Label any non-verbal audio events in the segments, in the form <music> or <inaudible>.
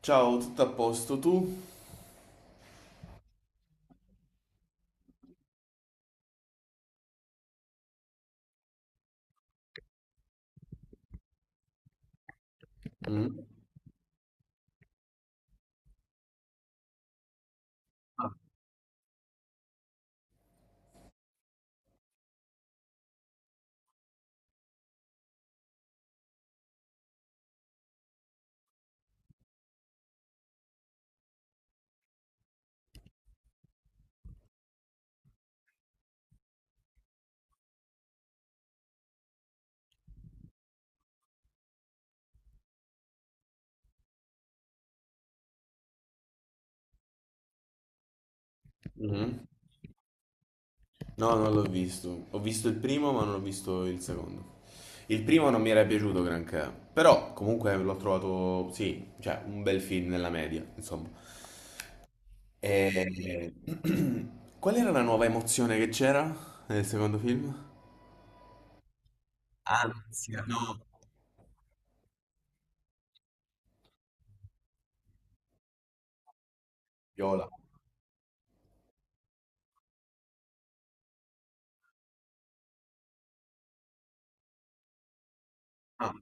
Ciao, tutto a posto tu? Mm, mhm. No, non l'ho visto. Ho visto il primo, ma non ho visto il secondo. Il primo non mi era piaciuto granché, però comunque l'ho trovato, sì, cioè un bel film nella media, insomma. E... <clears throat> qual era la nuova emozione che c'era nel secondo film? Ansia, no. Viola. Ah,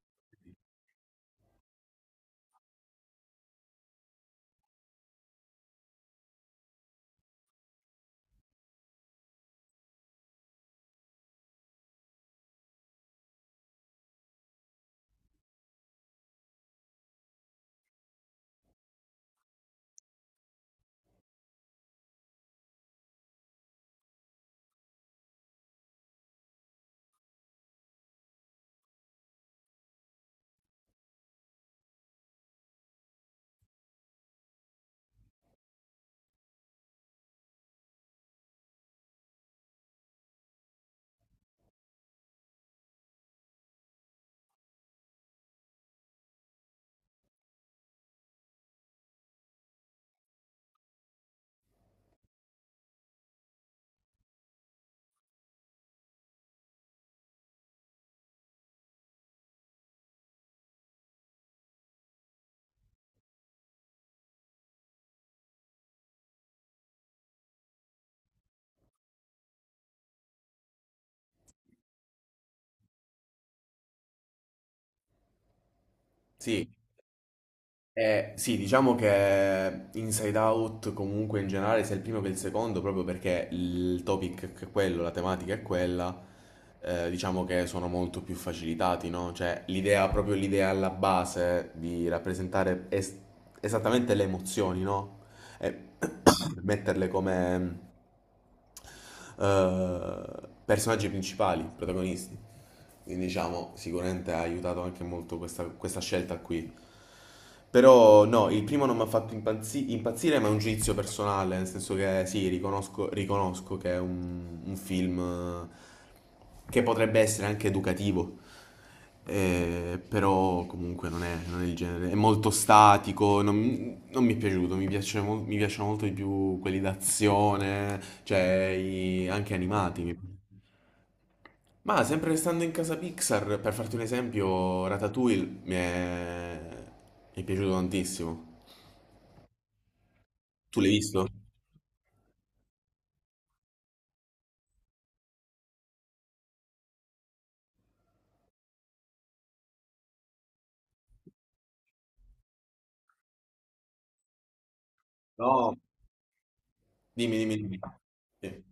sì. Sì, diciamo che Inside Out comunque in generale sia il primo che il secondo, proprio perché il topic è quello, la tematica è quella, diciamo che sono molto più facilitati, no? Cioè l'idea, proprio l'idea alla base di rappresentare esattamente le emozioni, no? E <coughs> metterle come eh, personaggi principali, protagonisti. Quindi diciamo, sicuramente ha aiutato anche molto questa scelta qui. Però no, il primo non mi ha fatto impazzire, ma è un giudizio personale, nel senso che sì, riconosco che è un film che potrebbe essere anche educativo, però comunque non è il genere, è molto statico, non mi è piaciuto, mi piacciono molto di più quelli d'azione, cioè anche animati. Mi- Ma sempre restando in casa Pixar, per farti un esempio, mi è piaciuto tantissimo. Tu l'hai visto? No. Dimmi, dimmi, dimmi. Sì.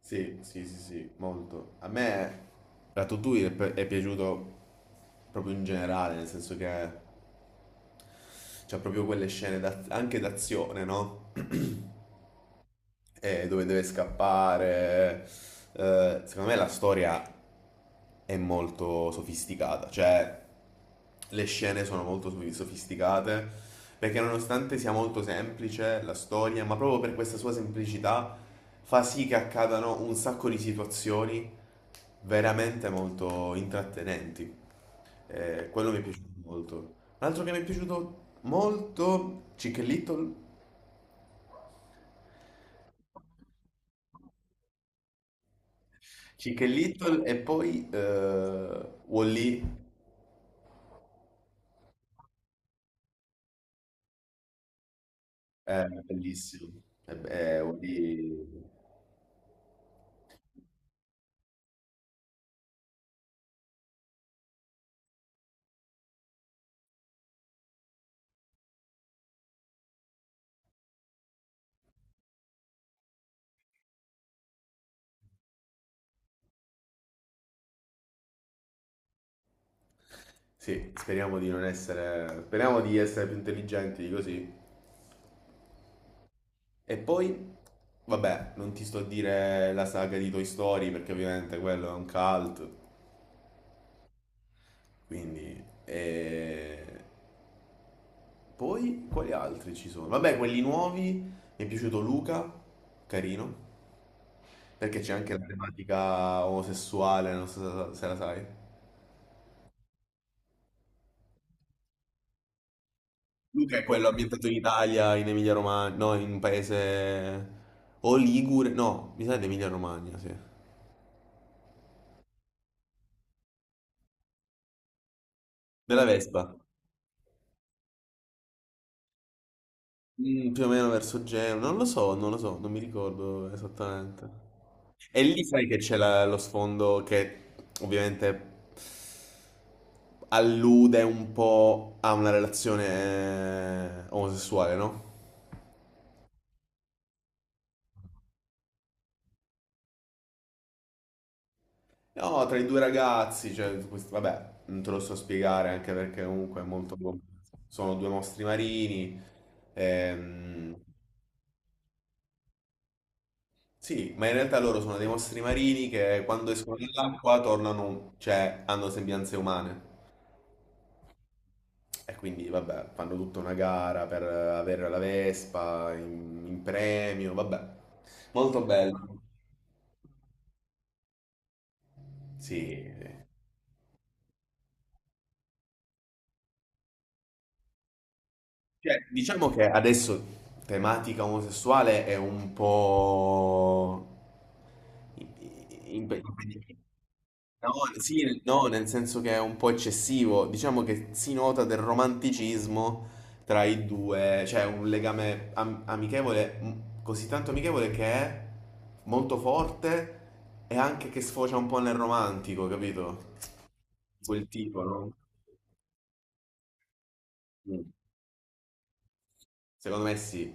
Sì, sì, sì, sì, molto. A me Ratatouille è piaciuto proprio in generale, nel senso che c'ha proprio quelle scene anche d'azione, no? Dove deve scappare. Secondo me la storia è molto sofisticata, cioè le scene sono molto sofisticate perché nonostante sia molto semplice la storia, ma proprio per questa sua semplicità fa sì che accadano un sacco di situazioni veramente molto intrattenenti. Quello mi è piaciuto molto. Un altro che mi è piaciuto molto, Chick e Little. Chick e Little e poi Wall-E, è bellissimo. E beh, Wall-E. Sì, speriamo di non essere... Speriamo di essere più intelligenti di così. E poi, vabbè, non ti sto a dire la saga di Toy Story perché ovviamente quello è un cult, quindi... E... poi, quali altri ci sono? Vabbè, quelli nuovi, mi è piaciuto Luca, carino, perché c'è anche la tematica omosessuale, non so se se la sai. Luca è quello ambientato in Italia, in Emilia Romagna, no, in un paese... O Ligure, no, mi sa di Emilia Romagna, sì. Della Vespa. Mm, più o meno verso Genova. Non lo so, non lo so, non mi ricordo esattamente. E lì sai che lo sfondo che ovviamente allude un po' a una relazione omosessuale, no? No, tra i due ragazzi, cioè, questo- vabbè, non te lo so spiegare anche perché comunque è molto... Sono due mostri marini, ehm, sì, ma in realtà loro sono dei mostri marini che quando escono dall'acqua tornano, cioè hanno sembianze umane. E quindi, vabbè, fanno tutta una gara per avere la Vespa in premio, vabbè. Molto bello. Sì, cioè, diciamo che adesso tematica omosessuale è un po'... impe- impe- No, sì, no, nel senso che è un po' eccessivo. Diciamo che si nota del romanticismo tra i due, cioè un legame amichevole, m- così tanto amichevole che è molto forte e anche che sfocia un po' nel romantico, capito? Quel tipo, no? Mm. Secondo me sì,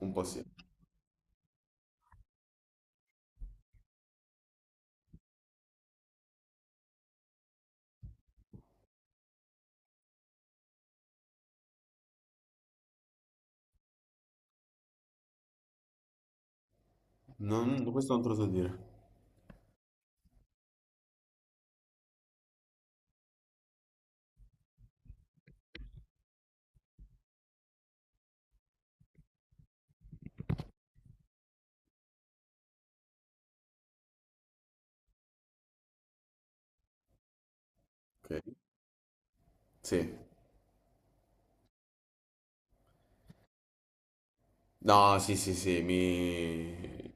un po' sì. Non, questo non te lo so dire. Ok. Sì. No, sì, sì, sì, mi...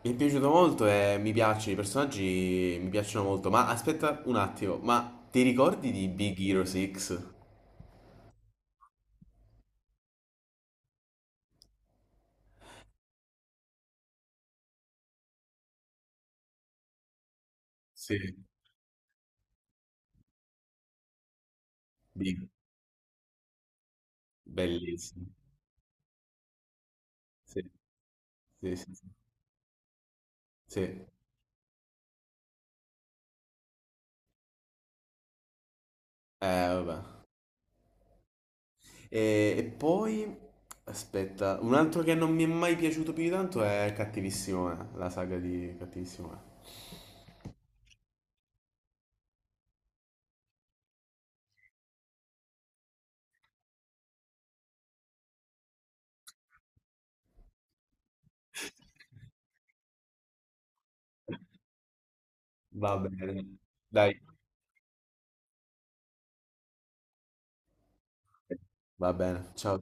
mi è piaciuto molto e i personaggi mi piacciono molto. Ma aspetta un attimo, ma ti ricordi di Big Hero 6? Sì. Big. Bellissimo. Sì, sì, sì, sì. Sì. Vabbè. E poi, aspetta, un altro che non mi è mai piaciuto più di tanto è Cattivissimo Me, la saga di Cattivissimo Me. Va bene. Dai, va bene. Ciao.